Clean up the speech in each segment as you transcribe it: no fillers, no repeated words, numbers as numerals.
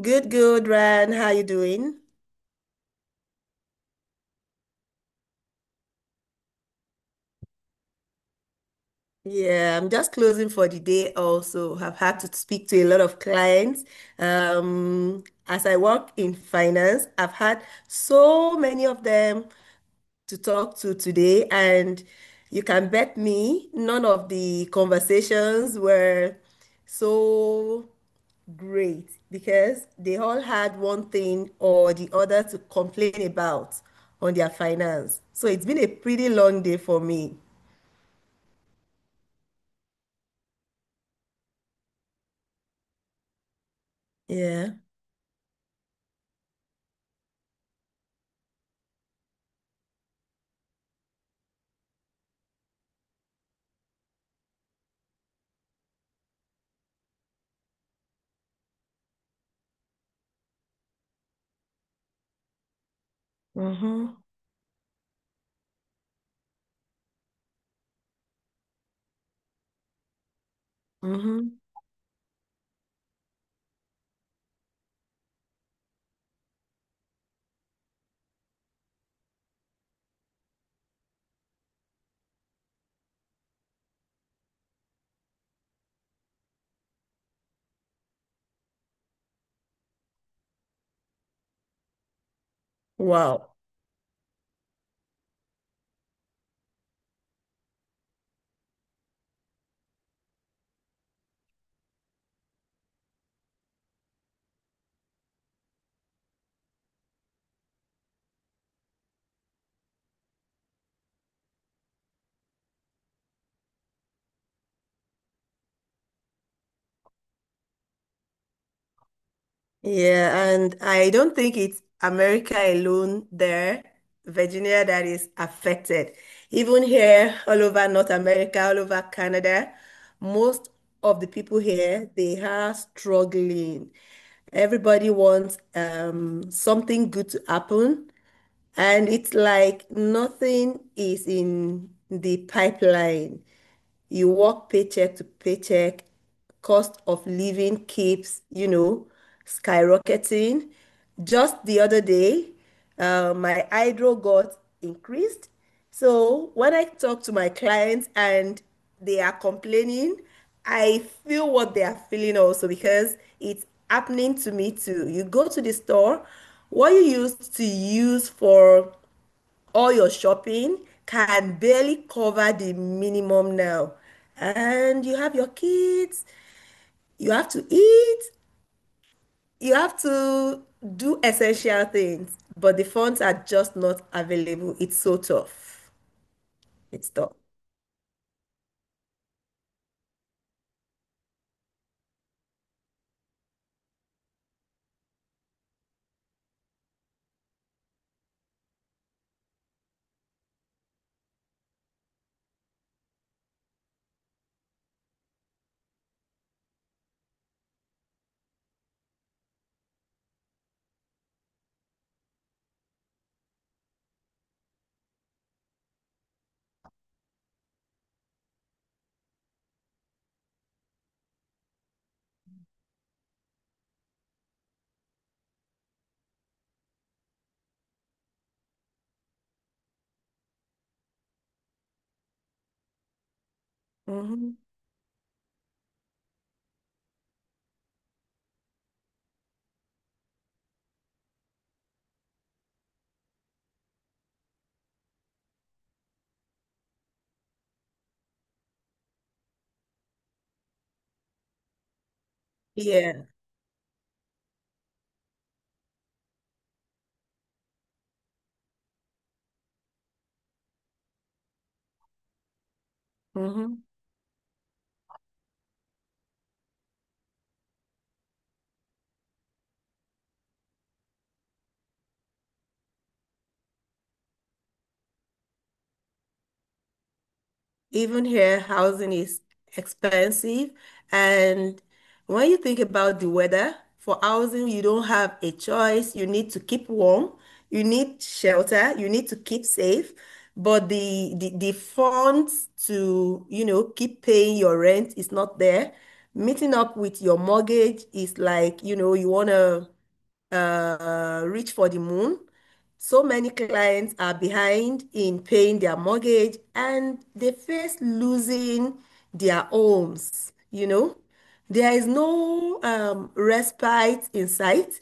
Good, good, Ryan. How you doing? Yeah, I'm just closing for the day also. I've had to speak to a lot of clients. As I work in finance, I've had so many of them to talk to today, and you can bet me none of the conversations were so great because they all had one thing or the other to complain about on their finance. So it's been a pretty long day for me. Yeah. Mm-hmm. Mm-hmm. Wow. Yeah, and I don't think it's America alone there, Virginia, that is affected. Even here, all over North America, all over Canada, most of the people here, they are struggling. Everybody wants something good to happen, and it's like nothing is in the pipeline. You work paycheck to paycheck, cost of living keeps, you know, skyrocketing. Just the other day, my hydro got increased. So when I talk to my clients and they are complaining, I feel what they are feeling also because it's happening to me too. You go to the store, what you used to use for all your shopping can barely cover the minimum now. And you have your kids, you have to eat, you have to do essential things, but the funds are just not available. It's so tough. It's tough. Mhm. Yeah. Hmm. Even here, housing is expensive. And when you think about the weather, for housing, you don't have a choice. You need to keep warm, you need shelter, you need to keep safe. But the funds to, you know, keep paying your rent is not there. Meeting up with your mortgage is like, you know, you want to reach for the moon. So many clients are behind in paying their mortgage and they face losing their homes, you know. There is no respite in sight.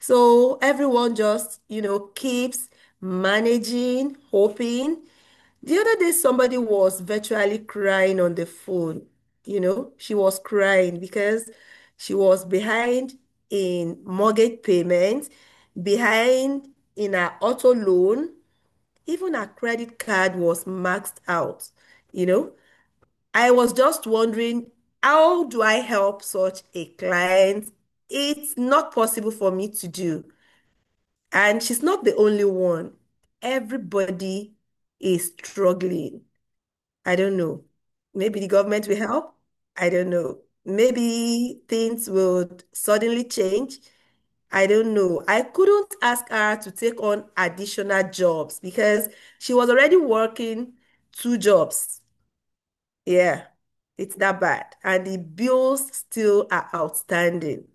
So everyone just, you know, keeps managing, hoping. The other day, somebody was virtually crying on the phone. You know, she was crying because she was behind in mortgage payments, behind in her auto loan, even her credit card was maxed out. You know, I was just wondering, how do I help such a client? It's not possible for me to do. And she's not the only one. Everybody is struggling. I don't know. Maybe the government will help. I don't know. Maybe things will suddenly change. I don't know. I couldn't ask her to take on additional jobs because she was already working two jobs. Yeah, it's that bad. And the bills still are outstanding.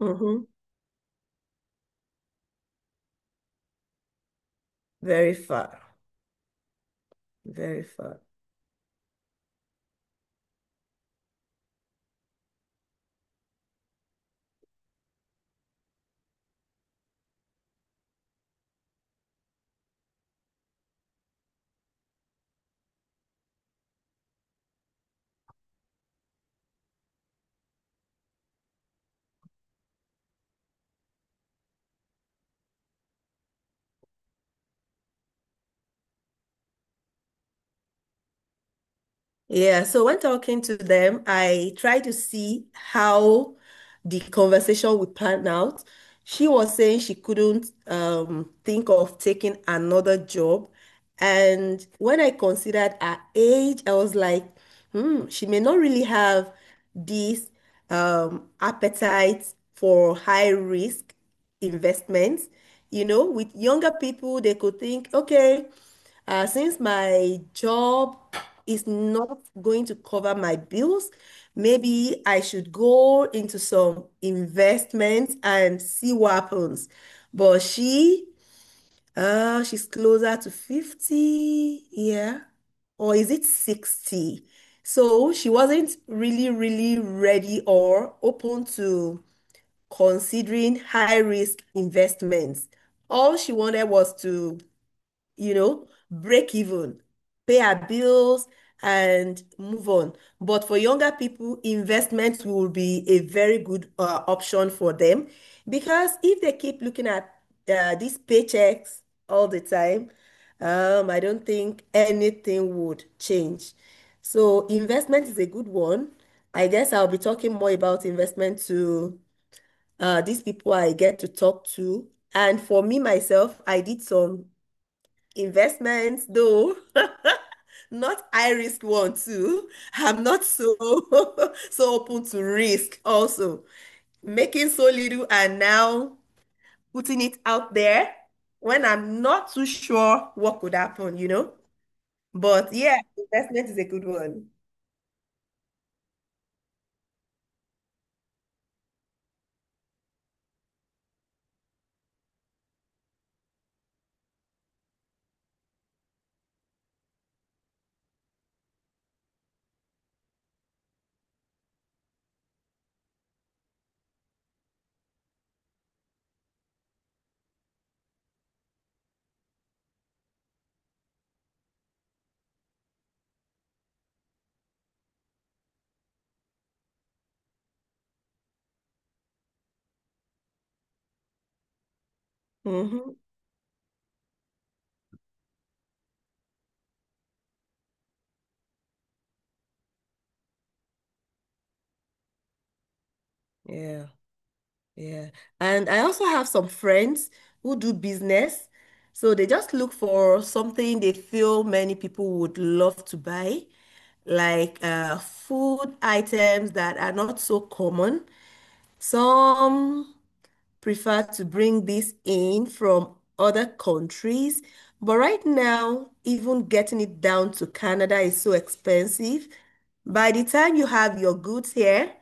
Mhm. Very far. Very far. Yeah, so when talking to them, I try to see how the conversation would pan out. She was saying she couldn't think of taking another job. And when I considered her age, I was like, hmm, she may not really have this appetite for high risk investments. You know, with younger people, they could think, okay. Since my job is not going to cover my bills, maybe I should go into some investments and see what happens. But she, she's closer to 50, yeah, or is it 60? So she wasn't really, really ready or open to considering high risk investments. All she wanted was to, you know, break even, pay our bills, and move on. But for younger people, investments will be a very good option for them because if they keep looking at these paychecks all the time, I don't think anything would change. So investment is a good one. I guess I'll be talking more about investment to these people I get to talk to. And for me myself, I did some investments, though not high risk one too. I'm not so so open to risk also, making so little and now putting it out there when I'm not too sure what could happen, you know. But yeah, investment is a good one. Hmm. Yeah. Yeah. And I also have some friends who do business. So they just look for something they feel many people would love to buy, like food items that are not so common. Some prefer to bring this in from other countries. But right now, even getting it down to Canada is so expensive. By the time you have your goods here,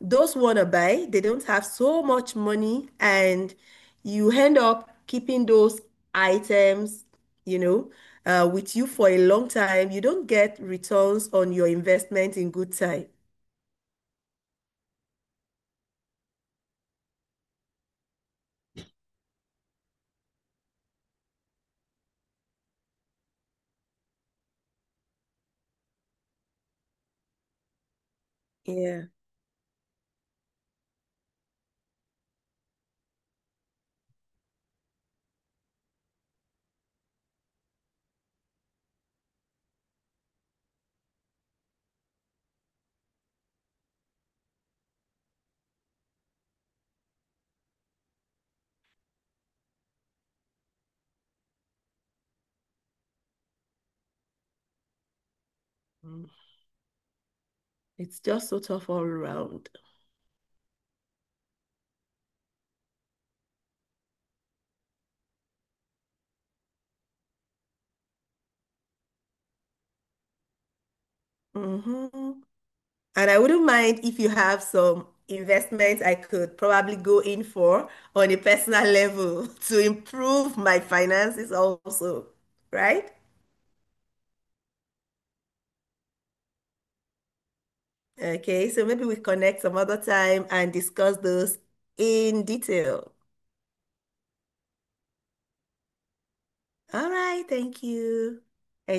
those wanna buy, they don't have so much money, and you end up keeping those items, you know, with you for a long time. You don't get returns on your investment in good time. Yeah. Mm. It's just so tough all around. Hmm. And I wouldn't mind if you have some investments I could probably go in for on a personal level to improve my finances also, right? Okay, so maybe we connect some other time and discuss those in detail. All right, thank you.